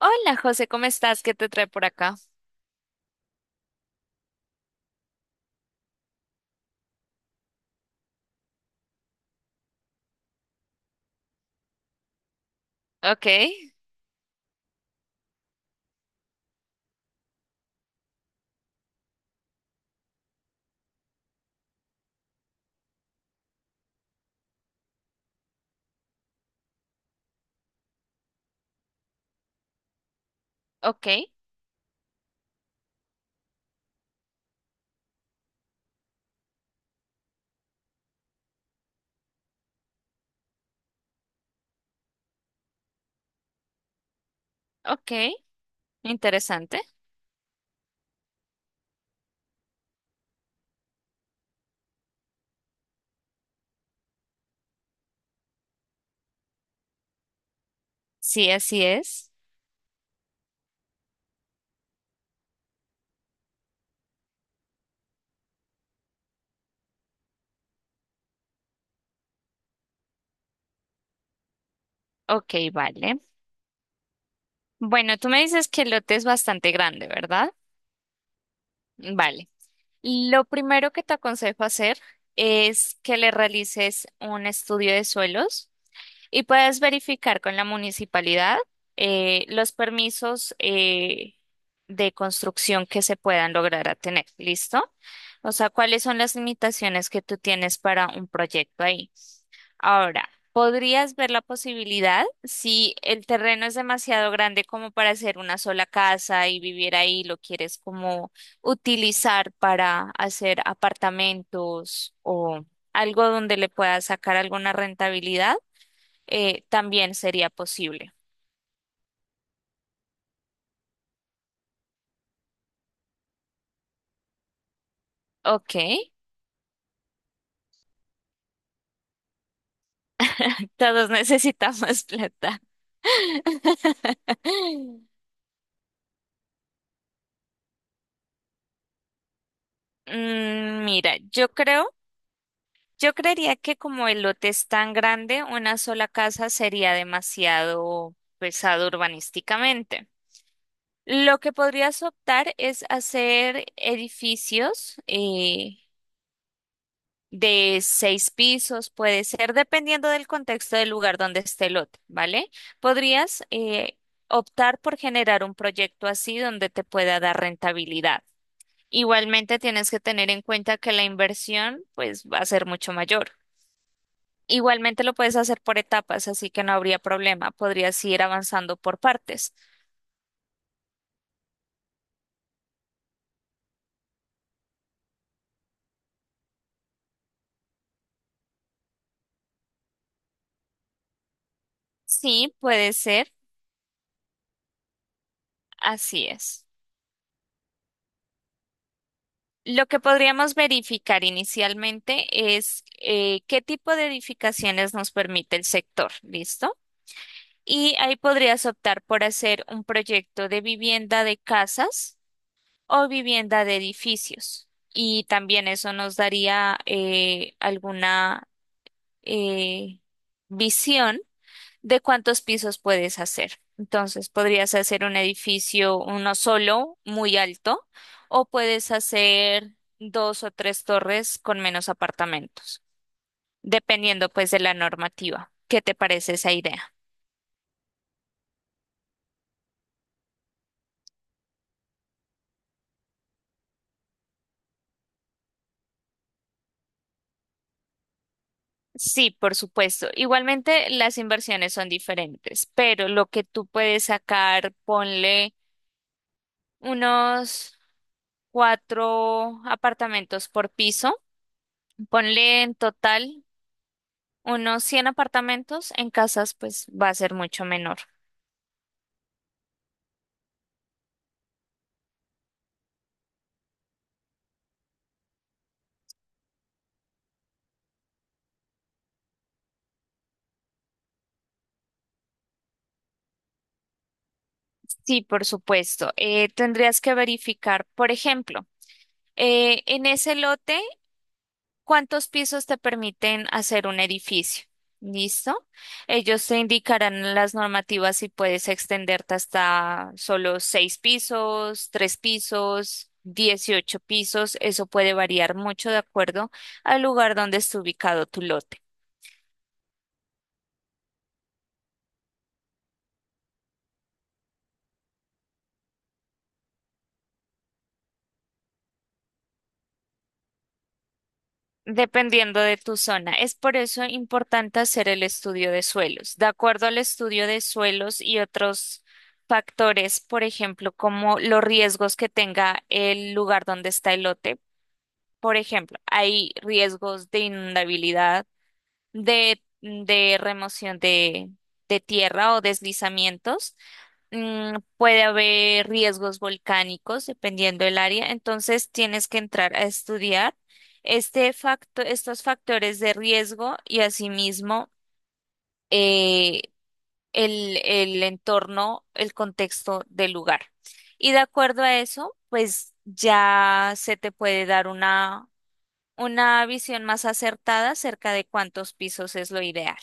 Hola, José, ¿cómo estás? ¿Qué te trae por acá? Ok, ok, ok. Interesante. Sí, así es. Ok, vale. Bueno, tú me dices que el lote es bastante grande, ¿verdad? Vale. Lo primero que te aconsejo hacer es que le realices un estudio de suelos. Y puedes verificar con la municipalidad los permisos, de construcción que se puedan lograr a tener. ¿Listo? O sea, cuáles son las limitaciones que tú tienes para un proyecto ahí. Ahora, podrías ver la posibilidad si el terreno es demasiado grande como para hacer una sola casa y vivir ahí, lo quieres como utilizar para hacer apartamentos o algo donde le puedas sacar alguna rentabilidad, también sería posible. Ok, todos necesitamos plata. Mm, mira, yo creería que como el lote es tan grande, una sola casa sería demasiado pesado urbanísticamente. Lo que podrías optar es hacer edificios, de seis pisos, puede ser, dependiendo del contexto del lugar donde esté el lote, ¿vale? Podrías, optar por generar un proyecto así donde te pueda dar rentabilidad. Igualmente tienes que tener en cuenta que la inversión pues va a ser mucho mayor. Igualmente lo puedes hacer por etapas, así que no habría problema. Podrías ir avanzando por partes. Sí, puede ser. Así es. Lo que podríamos verificar inicialmente es, qué tipo de edificaciones nos permite el sector, ¿listo? Y ahí podrías optar por hacer un proyecto de vivienda de casas o vivienda de edificios. Y también eso nos daría, alguna eh, visión de cuántos pisos puedes hacer. Entonces, podrías hacer un edificio, uno solo, muy alto, o puedes hacer dos o tres torres con menos apartamentos, dependiendo pues de la normativa. ¿Qué te parece esa idea? Sí, por supuesto. Igualmente las inversiones son diferentes, pero lo que tú puedes sacar, ponle unos cuatro apartamentos por piso, ponle en total unos 100 apartamentos en casas, pues va a ser mucho menor. Sí, por supuesto. Tendrías que verificar, por ejemplo, en ese lote, ¿cuántos pisos te permiten hacer un edificio? ¿Listo? Ellos te indicarán las normativas si puedes extenderte hasta solo seis pisos, tres pisos, 18 pisos. Eso puede variar mucho de acuerdo al lugar donde esté ubicado tu lote. Dependiendo de tu zona. Es por eso importante hacer el estudio de suelos. De acuerdo al estudio de suelos y otros factores, por ejemplo, como los riesgos que tenga el lugar donde está el lote. Por ejemplo, hay riesgos de inundabilidad, de remoción de tierra o deslizamientos. Puede haber riesgos volcánicos dependiendo del área, entonces tienes que entrar a estudiar estos factores de riesgo y asimismo, eh, el entorno, el contexto del lugar. Y de acuerdo a eso, pues ya se te puede dar una visión más acertada acerca de cuántos pisos es lo ideal.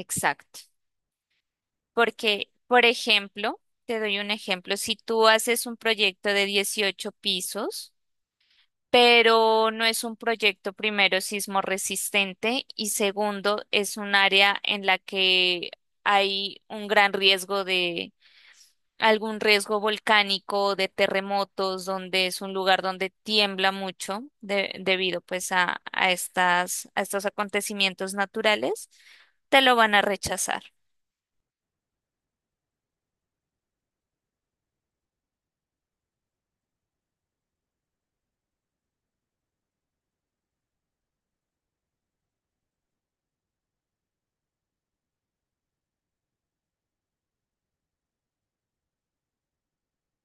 Exacto. Porque, por ejemplo, te doy un ejemplo, si tú haces un proyecto de 18 pisos, pero no es un proyecto primero sismo resistente y segundo es un área en la que hay un gran riesgo de algún riesgo volcánico, de terremotos, donde es un lugar donde tiembla mucho debido pues a estos acontecimientos naturales, te lo van a rechazar.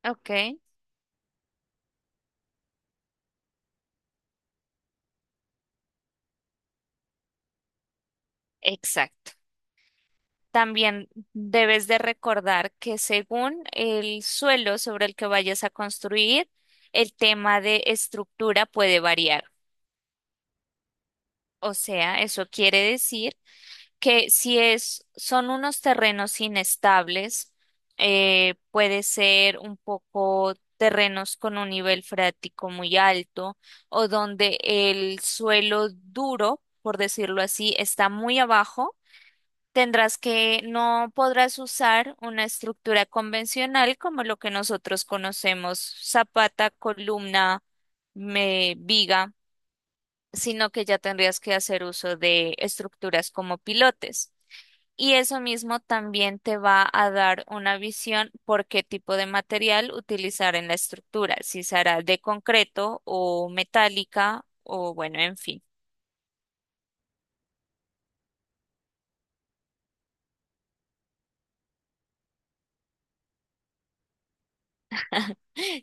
Ok, exacto. También debes de recordar que según el suelo sobre el que vayas a construir, el tema de estructura puede variar. O sea, eso quiere decir que si es, son unos terrenos inestables, puede ser un poco terrenos con un nivel freático muy alto o donde el suelo duro, por decirlo así, está muy abajo. Tendrás que, no podrás usar una estructura convencional como lo que nosotros conocemos, zapata, columna, viga, sino que ya tendrías que hacer uso de estructuras como pilotes. Y eso mismo también te va a dar una visión por qué tipo de material utilizar en la estructura, si será de concreto o metálica o bueno, en fin.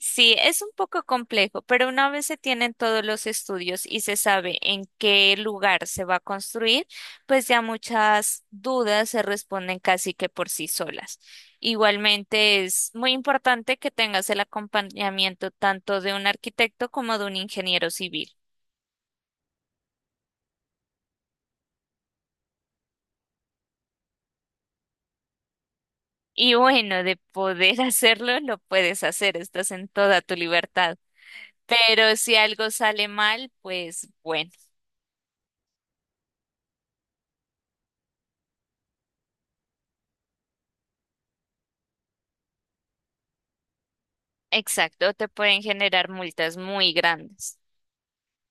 Sí, es un poco complejo, pero una vez se tienen todos los estudios y se sabe en qué lugar se va a construir, pues ya muchas dudas se responden casi que por sí solas. Igualmente es muy importante que tengas el acompañamiento tanto de un arquitecto como de un ingeniero civil. Y bueno, de poder hacerlo, lo puedes hacer, estás en toda tu libertad. Pero si algo sale mal, pues bueno, exacto, te pueden generar multas muy grandes.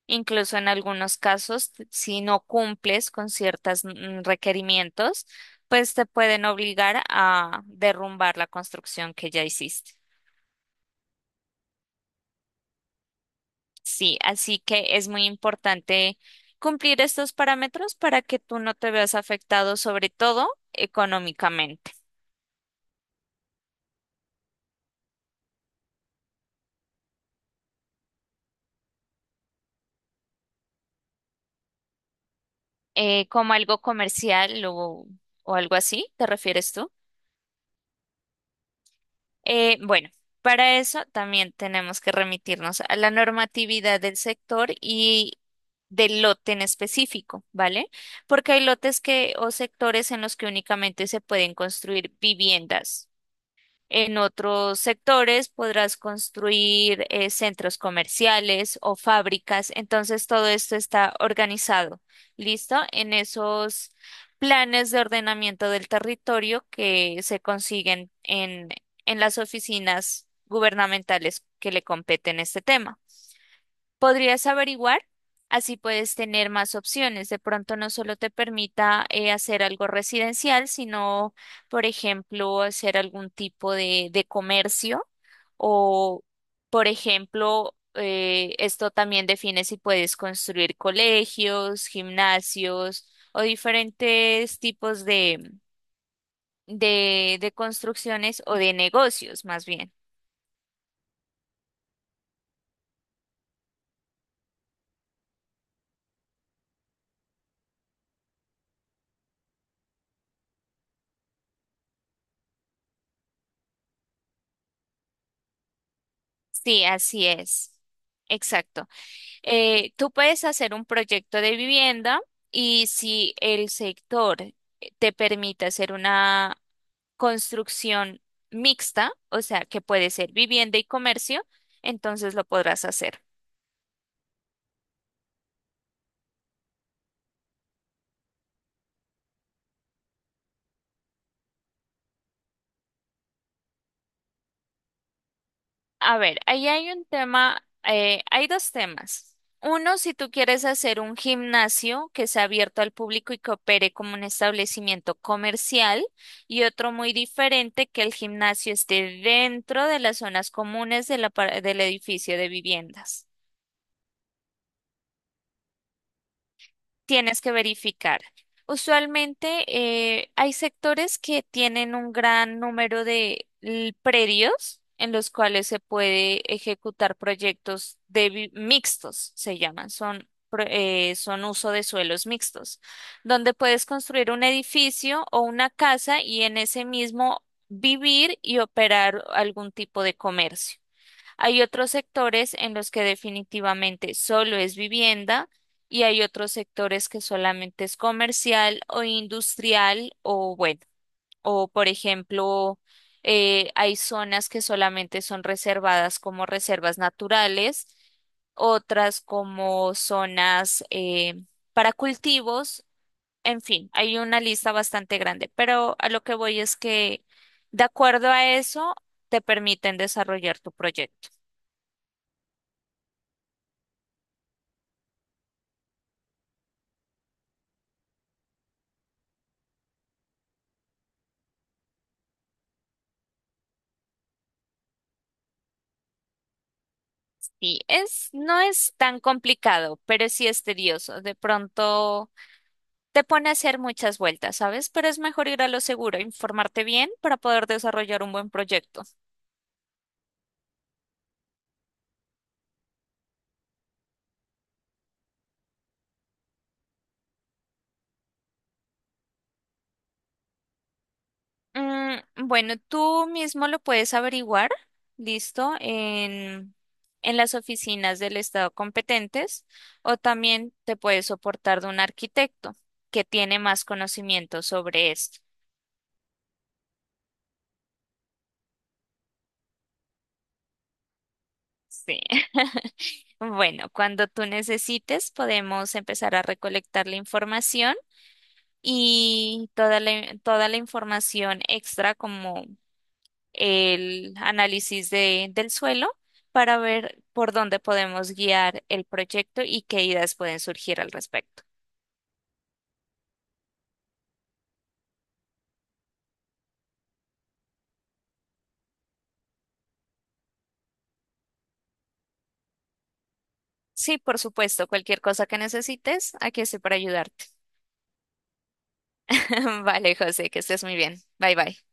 Incluso en algunos casos, si no cumples con ciertos requerimientos, pues te pueden obligar a derrumbar la construcción que ya hiciste. Sí, así que es muy importante cumplir estos parámetros para que tú no te veas afectado, sobre todo económicamente. ¿Como algo comercial o algo así, te refieres tú? Bueno, para eso también tenemos que remitirnos a la normatividad del sector y del lote en específico, ¿vale? Porque hay lotes que o sectores en los que únicamente se pueden construir viviendas. En otros sectores podrás construir, centros comerciales o fábricas. Entonces todo esto está organizado. ¿Listo? En esos planes de ordenamiento del territorio que se consiguen en las oficinas gubernamentales que le competen este tema. Podrías averiguar, así puedes tener más opciones. De pronto no solo te permita, hacer algo residencial, sino, por ejemplo, hacer algún tipo de comercio o, por ejemplo, esto también define si puedes construir colegios, gimnasios o diferentes tipos de construcciones o de negocios, más bien. Sí, así es. Exacto. Tú puedes hacer un proyecto de vivienda y si el sector, te permite hacer una construcción mixta, o sea, que puede ser vivienda y comercio, entonces lo podrás hacer. A ver, ahí hay un tema, hay dos temas. Uno, si tú quieres hacer un gimnasio que sea abierto al público y que opere como un establecimiento comercial, y otro muy diferente, que el gimnasio esté dentro de las zonas comunes de la del edificio de viviendas. Tienes que verificar. Usualmente, hay sectores que tienen un gran número de predios en los cuales se puede ejecutar proyectos de mixtos, se llaman, son uso de suelos mixtos, donde puedes construir un edificio o una casa y en ese mismo vivir y operar algún tipo de comercio. Hay otros sectores en los que definitivamente solo es vivienda y hay otros sectores que solamente es comercial o industrial o bueno, o por ejemplo, hay zonas que solamente son reservadas como reservas naturales, otras como zonas, para cultivos, en fin, hay una lista bastante grande, pero a lo que voy es que de acuerdo a eso te permiten desarrollar tu proyecto. Sí, es, no es tan complicado, pero sí es tedioso. De pronto te pone a hacer muchas vueltas, ¿sabes? Pero es mejor ir a lo seguro, informarte bien para poder desarrollar un buen proyecto. Mm, bueno, tú mismo lo puedes averiguar, listo, en las oficinas del Estado competentes o también te puedes soportar de un arquitecto que tiene más conocimiento sobre esto. Sí. Bueno, cuando tú necesites, podemos empezar a recolectar la información y toda la información extra como el análisis del suelo para ver por dónde podemos guiar el proyecto y qué ideas pueden surgir al respecto. Sí, por supuesto, cualquier cosa que necesites, aquí estoy para ayudarte. Vale, José, que estés muy bien. Bye bye.